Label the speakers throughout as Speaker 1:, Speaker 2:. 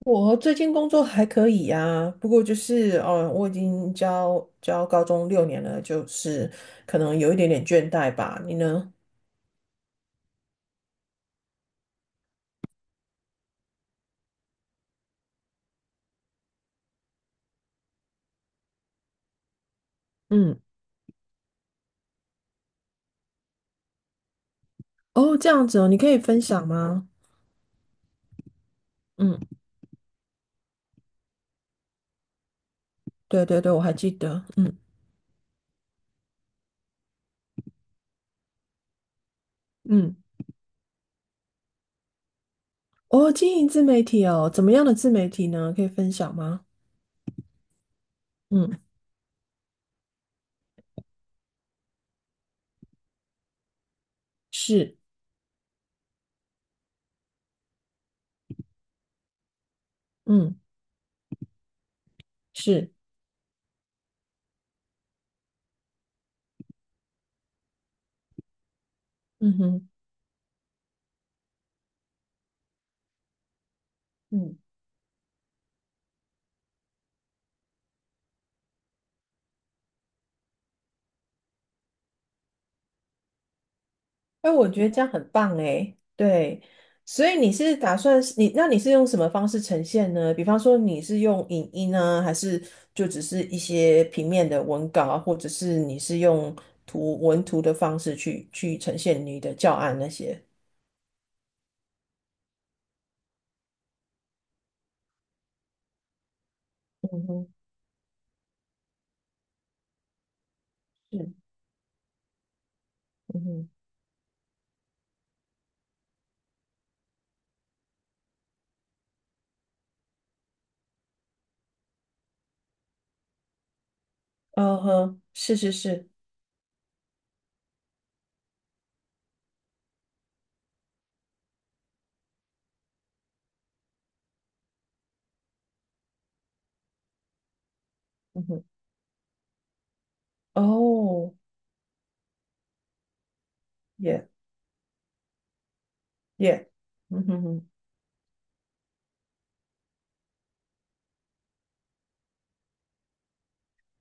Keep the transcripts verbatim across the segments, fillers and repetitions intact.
Speaker 1: 我最近工作还可以呀、不过就是哦，我已经教教高中六年了，就是可能有一点点倦怠吧。你呢？嗯，哦，这样子哦，你可以分享吗？嗯，对对对，我还记得。嗯嗯，哦，经营自媒体哦，怎么样的自媒体呢？可以分享吗？嗯，是，嗯是，嗯哼。嗯。哎，我觉得这样很棒哎，对，所以你是打算是你，那你是用什么方式呈现呢？比方说你是用影音呢，还是就只是一些平面的文稿啊，或者是你是用图文图的方式去去呈现你的教案那些？嗯哼，是，嗯哼，嗯哼，是是是，嗯哼，哦，耶耶，嗯哼哼。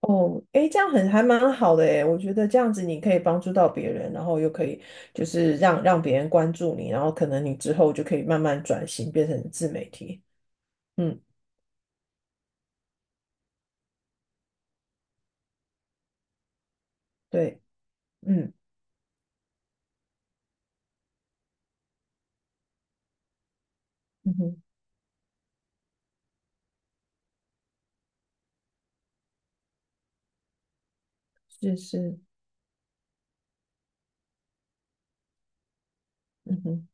Speaker 1: 哦，诶，这样很还蛮好的诶，我觉得这样子你可以帮助到别人，然后又可以就是让让别人关注你，然后可能你之后就可以慢慢转型变成自媒体。嗯，对，嗯嗯哼，是是，嗯哼。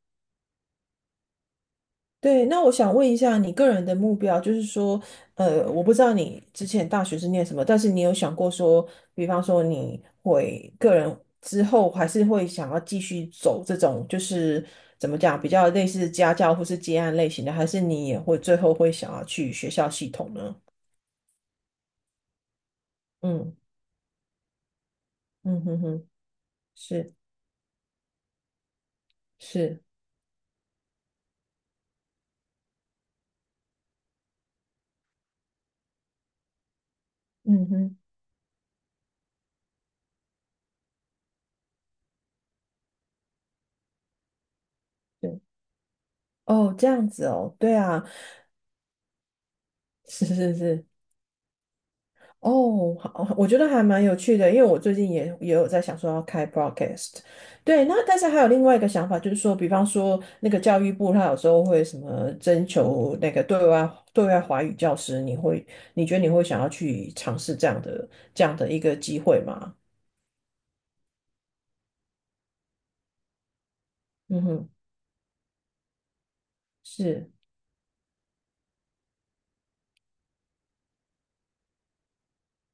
Speaker 1: 对，那我想问一下你个人的目标，就是说，呃，我不知道你之前大学是念什么，但是你有想过说，比方说你会个人之后还是会想要继续走这种，就是怎么讲，比较类似家教或是接案类型的，还是你也会最后会想要去学校系统呢？嗯嗯哼哼，是是，嗯哼，对，哦，这样子哦，对啊，是是是。哦，好，我觉得还蛮有趣的，因为我最近也也有在想说要开 broadcast，对，那但是还有另外一个想法，就是说，比方说那个教育部，他有时候会什么征求那个对外对外华语教师，你会你觉得你会想要去尝试这样的这样的一个机会吗？嗯哼，是，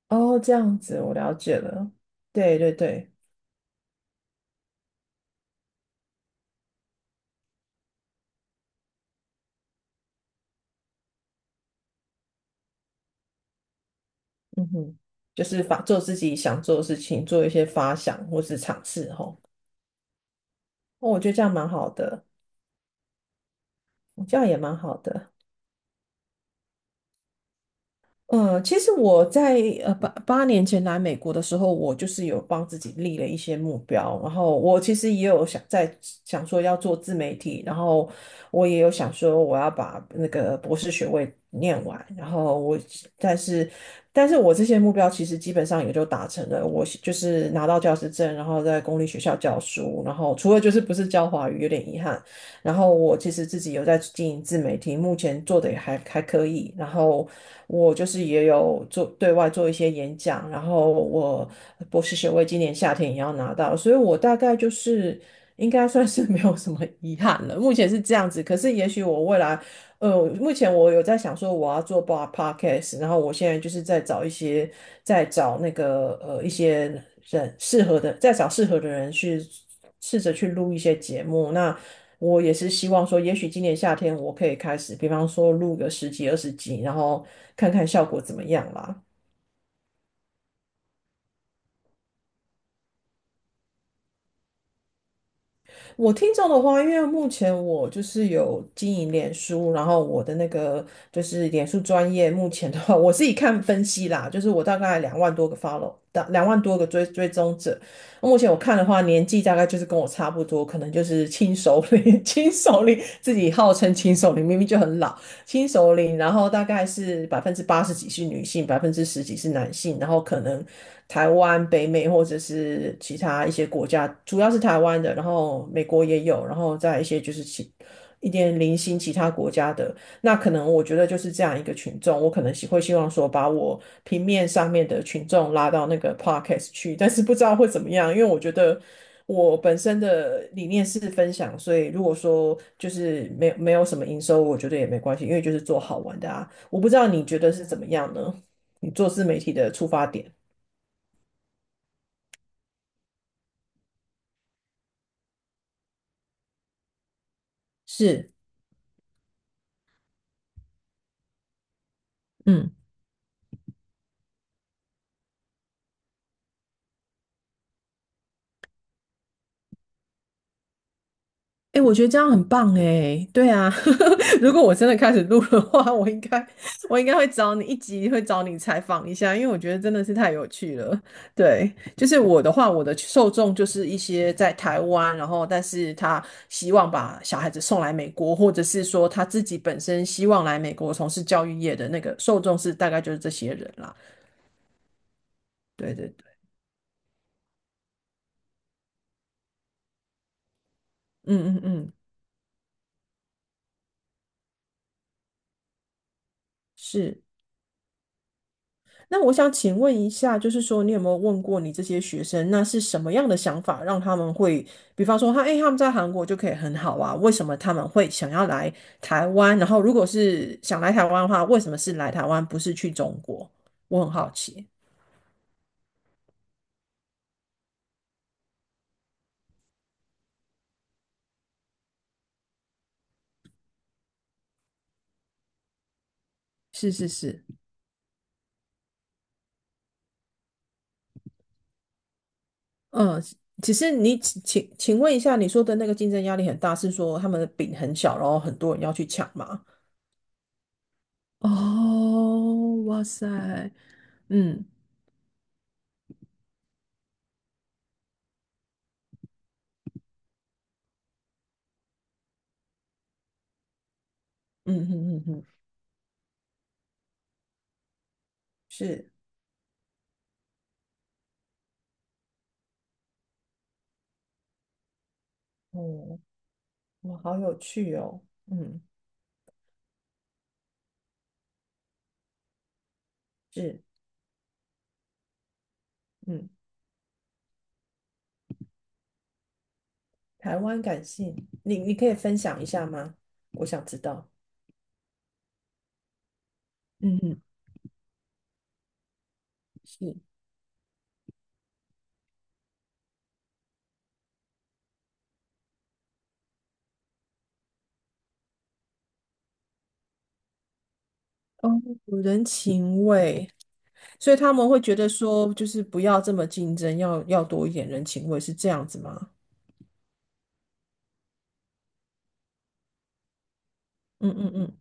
Speaker 1: 哦，这样子我了解了，对对对，嗯哼，就是发做自己想做的事情，做一些发想或是尝试，吼，哦，我觉得这样蛮好的。这样也蛮好的。呃，其实我在呃八八年前来美国的时候，我就是有帮自己立了一些目标，然后我其实也有想在想说要做自媒体，然后我也有想说我要把那个博士学位念完，然后我但是但是我这些目标其实基本上也就达成了，我是就是拿到教师证，然后在公立学校教书，然后除了就是不是教华语有点遗憾，然后我其实自己有在经营自媒体，目前做的也还还可以。然后我就是也有做对外做一些演讲，然后我博士学位今年夏天也要拿到，所以我大概就是应该算是 没有什么遗憾了。目前是这样子，可是也许我未来，呃，目前我有在想说我要做 bar podcast，然后我现在就是在找一些，在找那个呃一些人适合的，在找适合的人去试着去录一些节目。那我也是希望说，也许今年夏天我可以开始，比方说录个十几、二十集，然后看看效果怎么样啦。我听众的话，因为目前我就是有经营脸书，然后我的那个就是脸书专业，目前的话，我自己看分析啦，就是我大概两万多个 follow，两两万多个追追踪者。目前我看的话，年纪大概就是跟我差不多，可能就是轻熟龄，轻熟龄 自己号称轻熟龄，明明就很老。新首领，然后大概是百分之八十几是女性，百分之十几是男性，然后可能台湾、北美或者是其他一些国家，主要是台湾的，然后美国也有，然后再一些就是其一点零星其他国家的，那可能我觉得就是这样一个群众，我可能希会希望说把我平面上面的群众拉到那个 podcast 去，但是不知道会怎么样，因为我觉得我本身的理念是分享，所以如果说就是没有没有什么营收，我觉得也没关系，因为就是做好玩的啊。我不知道你觉得是怎么样呢？你做自媒体的出发点是，嗯。哎，我觉得这样很棒哎，对啊，如果我真的开始录的话，我应该我应该会找你一集，会找你采访一下，因为我觉得真的是太有趣了。对，就是我的话，我的受众就是一些在台湾，然后但是他希望把小孩子送来美国，或者是说他自己本身希望来美国从事教育业的那个受众是大概就是这些人啦。对对对，嗯嗯嗯，是。那我想请问一下，就是说，你有没有问过你这些学生，那是什么样的想法让他们会，比方说他，诶，他们在韩国就可以很好啊，为什么他们会想要来台湾？然后，如果是想来台湾的话，为什么是来台湾，不是去中国？我很好奇。是是是，嗯，只是你请请请问一下，你说的那个竞争压力很大，是说他们的饼很小，然后很多人要去抢吗？哦，哇塞，嗯。嗯嗯嗯嗯，是，哦。哇，好有趣哦。嗯，是，嗯，台湾感性，你你可以分享一下吗？我想知道。嗯嗯，是哦，人情味，所以他们会觉得说，就是不要这么竞争，要要多一点人情味，是这样子吗？嗯嗯嗯，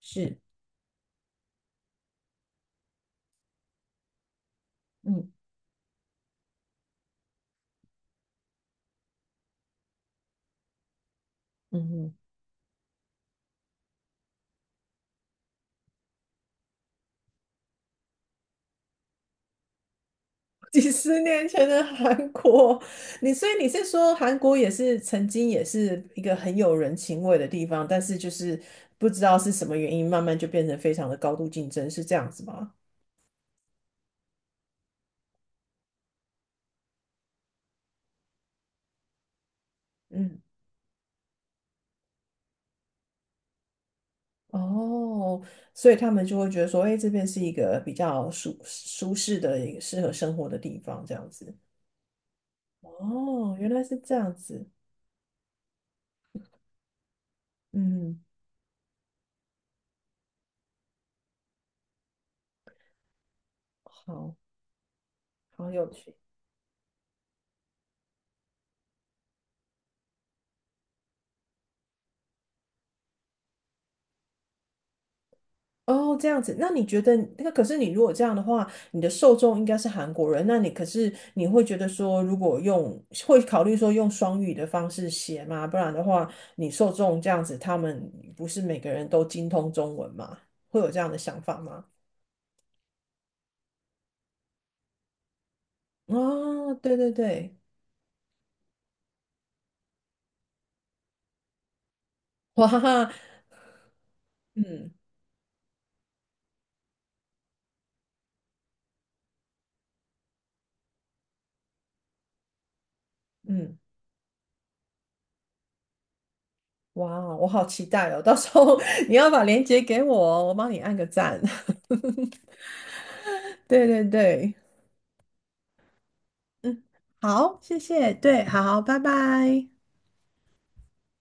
Speaker 1: 是，嗯。嗯嗯。几十年前的韩国，你所以你是说韩国也是曾经也是一个很有人情味的地方，但是就是不知道是什么原因，慢慢就变成非常的高度竞争，是这样子吗？嗯，哦，所以他们就会觉得说，哎，这边是一个比较舒舒适的、一个适合生活的地方，这样子。哦，原来是这样子，嗯，好好有趣。哦，这样子，那你觉得那可是你如果这样的话，你的受众应该是韩国人，那你可是你会觉得说，如果用会考虑说用双语的方式写吗？不然的话，你受众这样子，他们不是每个人都精通中文吗？会有这样的想法吗？哦，对对对，哇，嗯嗯，哇哦，我好期待哦！到时候 你要把链接给我哦我帮你按个赞。对对对。嗯，好，谢谢，对，好，拜拜。